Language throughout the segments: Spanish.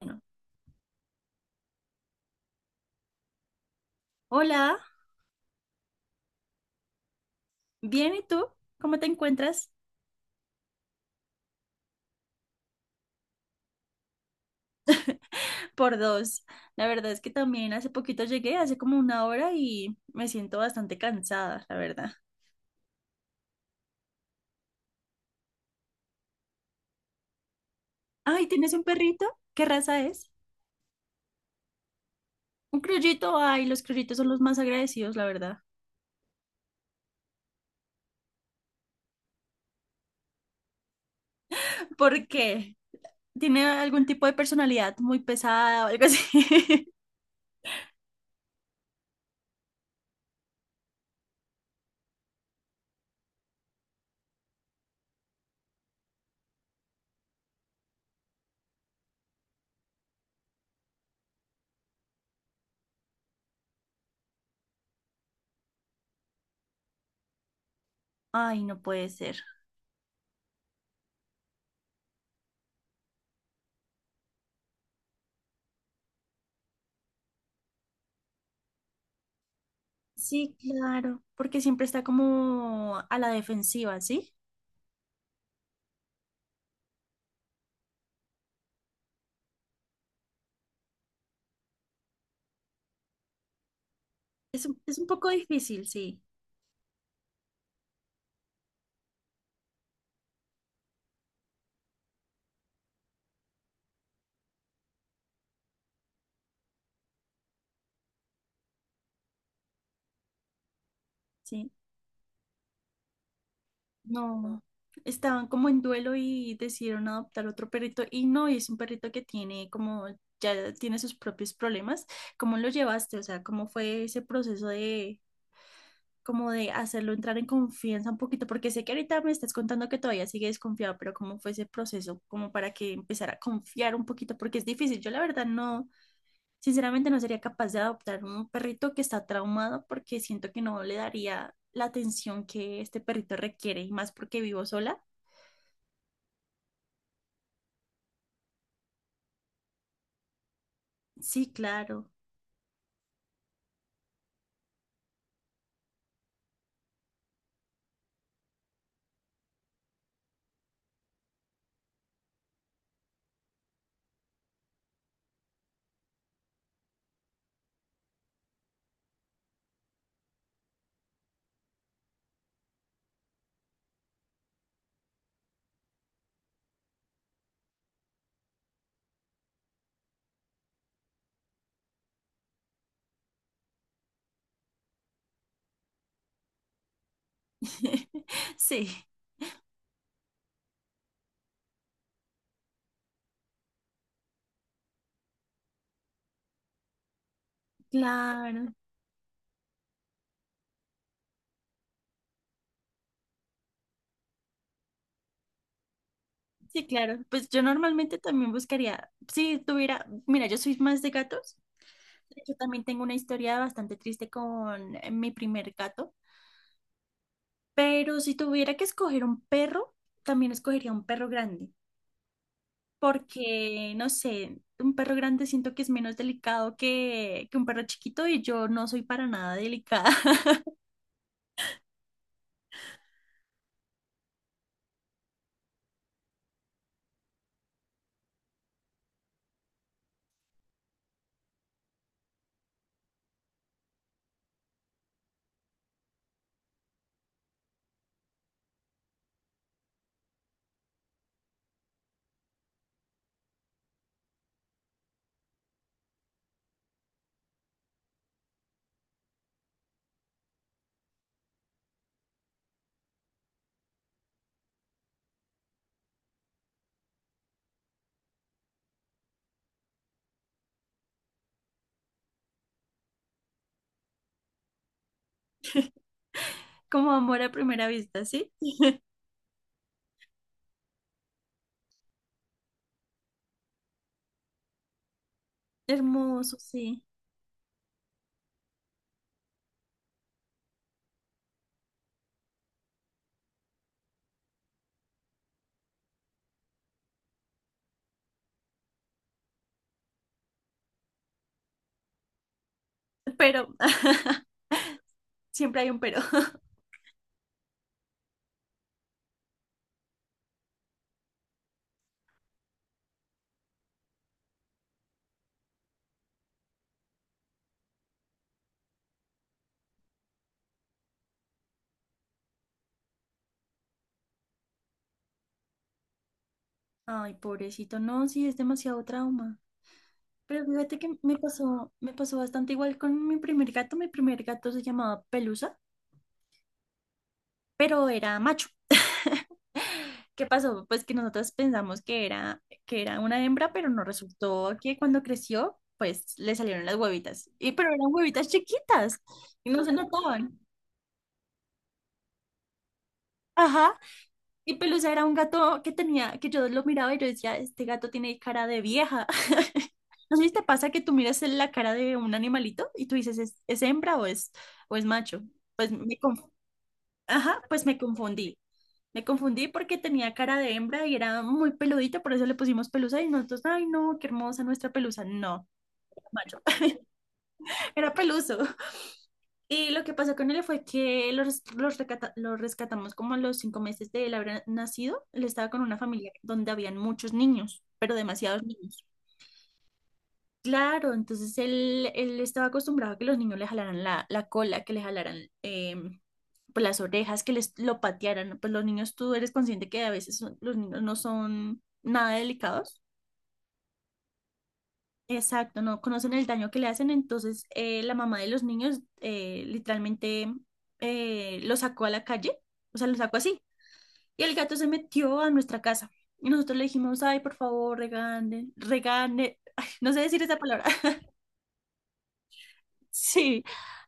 Bueno, Hola, bien, ¿y tú? ¿Cómo te encuentras? Por dos. La verdad es que también hace poquito llegué, hace como una hora y me siento bastante cansada, la verdad. Ay, ¿tienes un perrito? ¿Qué raza es? Un criollito. Ay, los criollitos son los más agradecidos, la verdad. ¿Por qué? ¿Tiene algún tipo de personalidad muy pesada o algo así? Ay, no puede ser. Sí, claro, porque siempre está como a la defensiva, ¿sí? Es, es un poco difícil, sí, sí. No, estaban como en duelo y decidieron adoptar otro perrito y no, y es un perrito que tiene como, ya tiene sus propios problemas. ¿Cómo lo llevaste? O sea, ¿cómo fue ese proceso de, como de hacerlo entrar en confianza un poquito? Porque sé que ahorita me estás contando que todavía sigue desconfiado, pero ¿cómo fue ese proceso? Como para que empezara a confiar un poquito, porque es difícil. Yo la verdad no, sinceramente no sería capaz de adoptar un perrito que está traumado porque siento que no le daría la atención que este perrito requiere y más porque vivo sola. Sí, claro. Sí, claro, sí, claro. Pues yo normalmente también buscaría, si tuviera, mira, yo soy más de gatos. Yo también tengo una historia bastante triste con mi primer gato, pero si tuviera que escoger un perro, también escogería un perro grande, porque, no sé, un perro grande siento que es menos delicado que un perro chiquito y yo no soy para nada delicada. Como amor a primera vista, ¿sí? Hermoso, sí. Pero, siempre hay un pero. Ay, pobrecito, no, sí, es demasiado trauma. Pero fíjate que me pasó bastante igual con mi primer gato. Mi primer gato se llamaba Pelusa, pero era macho. ¿Qué pasó? Pues que nosotros pensamos que era una hembra, pero no resultó que cuando creció, pues le salieron las huevitas. Y pero eran huevitas chiquitas y no se notaban. Ajá. Y Pelusa era un gato que tenía, que yo lo miraba y yo decía, este gato tiene cara de vieja. No sé si te pasa que tú miras en la cara de un animalito y tú dices, es hembra o es macho? Pues me, conf- Ajá, pues me confundí. Me confundí porque tenía cara de hembra y era muy peludita, por eso le pusimos pelusa y nosotros, ay no, qué hermosa nuestra pelusa. No, era macho. Era peluso. Y lo que pasó con él fue que lo, lo rescatamos como a los 5 meses de él haber nacido. Él estaba con una familia donde habían muchos niños, pero demasiados niños. Claro, entonces él estaba acostumbrado a que los niños le jalaran la cola, que le jalaran pues las orejas, que les lo patearan. Pues los niños, tú eres consciente que a veces los niños no son nada delicados. Exacto, no conocen el daño que le hacen. Entonces la mamá de los niños literalmente lo sacó a la calle, o sea, lo sacó así. Y el gato se metió a nuestra casa. Y nosotros le dijimos, ay, por favor, regane, regane, ay, no sé decir esa palabra. Sí,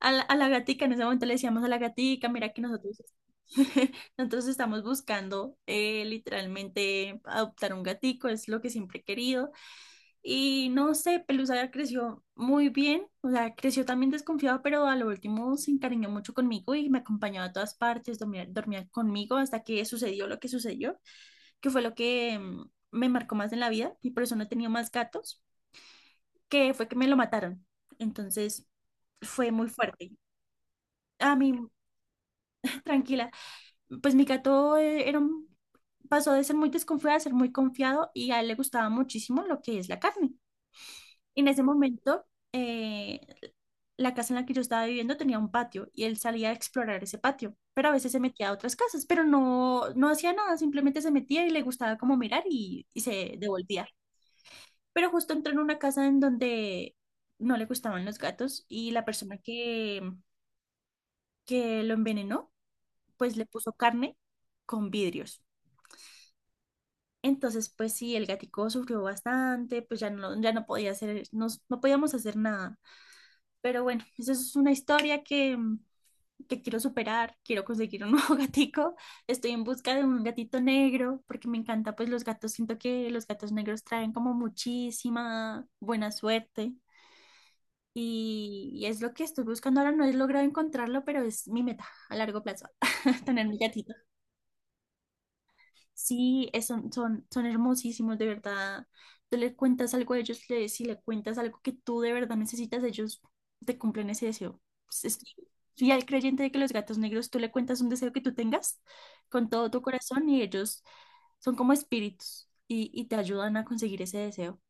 a la gatica, en ese momento le decíamos a la gatica, mira que nosotros, nosotros estamos buscando literalmente adoptar un gatico, es lo que siempre he querido. Y no sé, Pelusa ya creció muy bien, o sea, creció también desconfiado, pero a lo último se encariñó mucho conmigo y me acompañaba a todas partes, dormía, dormía conmigo hasta que sucedió lo que sucedió, que fue lo que me marcó más en la vida y por eso no he tenido más gatos, que fue que me lo mataron. Entonces fue muy fuerte. A mí. Tranquila, pues mi gato era pasó de ser muy desconfiado a ser muy confiado y a él le gustaba muchísimo lo que es la carne. Y en ese momento, eh, la casa en la que yo estaba viviendo tenía un patio y él salía a explorar ese patio, pero a veces se metía a otras casas, pero no, no hacía nada, simplemente se metía y le gustaba como mirar y se devolvía. Pero justo entró en una casa en donde no le gustaban los gatos y la persona que lo envenenó pues le puso carne con vidrios. Entonces, pues sí, el gatico sufrió bastante, pues ya no podía hacer, no, no podíamos hacer nada. Pero bueno, eso es una historia que quiero superar, quiero conseguir un nuevo gatico. Estoy en busca de un gatito negro, porque me encanta, pues los gatos, siento que los gatos negros traen como muchísima buena suerte. Y es lo que estoy buscando ahora, no he logrado encontrarlo, pero es mi meta a largo plazo. Tener mi gatito. Sí, son hermosísimos, de verdad. Tú le cuentas algo a ellos, le, si le cuentas algo que tú de verdad necesitas, ellos te cumplen ese deseo. Es- es- Soy creyente de que los gatos negros, tú le cuentas un deseo que tú tengas con todo tu corazón y ellos son como espíritus y te ayudan a conseguir ese deseo.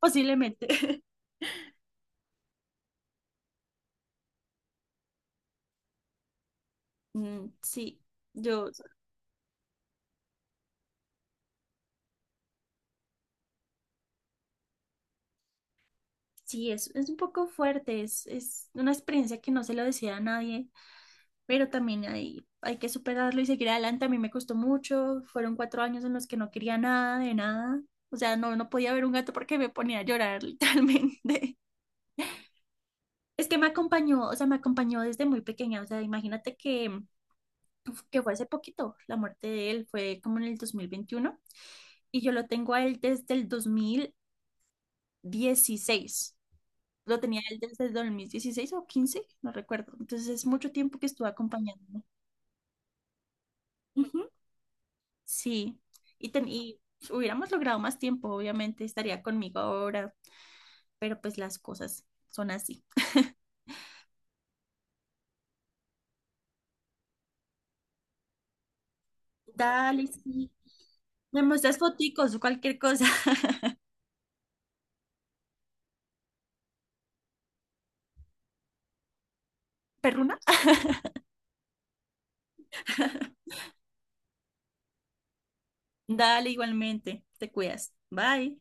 Posiblemente. Sí, yo, sí, es un poco fuerte, es una experiencia que no se lo desea a nadie pero también hay que superarlo y seguir adelante. A mí me costó mucho, fueron 4 años en los que no quería nada de nada, o sea, no, no podía ver un gato porque me ponía a llorar literalmente. Es que me acompañó, o sea, me acompañó desde muy pequeña, o sea, imagínate que fue hace poquito, la muerte de él fue como en el 2021 y yo lo tengo a él desde el 2016. Lo tenía él desde el 2016 o 15 no recuerdo. Entonces es mucho tiempo que estuvo acompañándome. Ujú. Sí, y hubiéramos logrado más tiempo, obviamente estaría conmigo ahora, pero pues las cosas son así. Dale, sí. Me muestras foticos o cualquier cosa. ¿Perruna? Dale, igualmente. Te cuidas. Bye.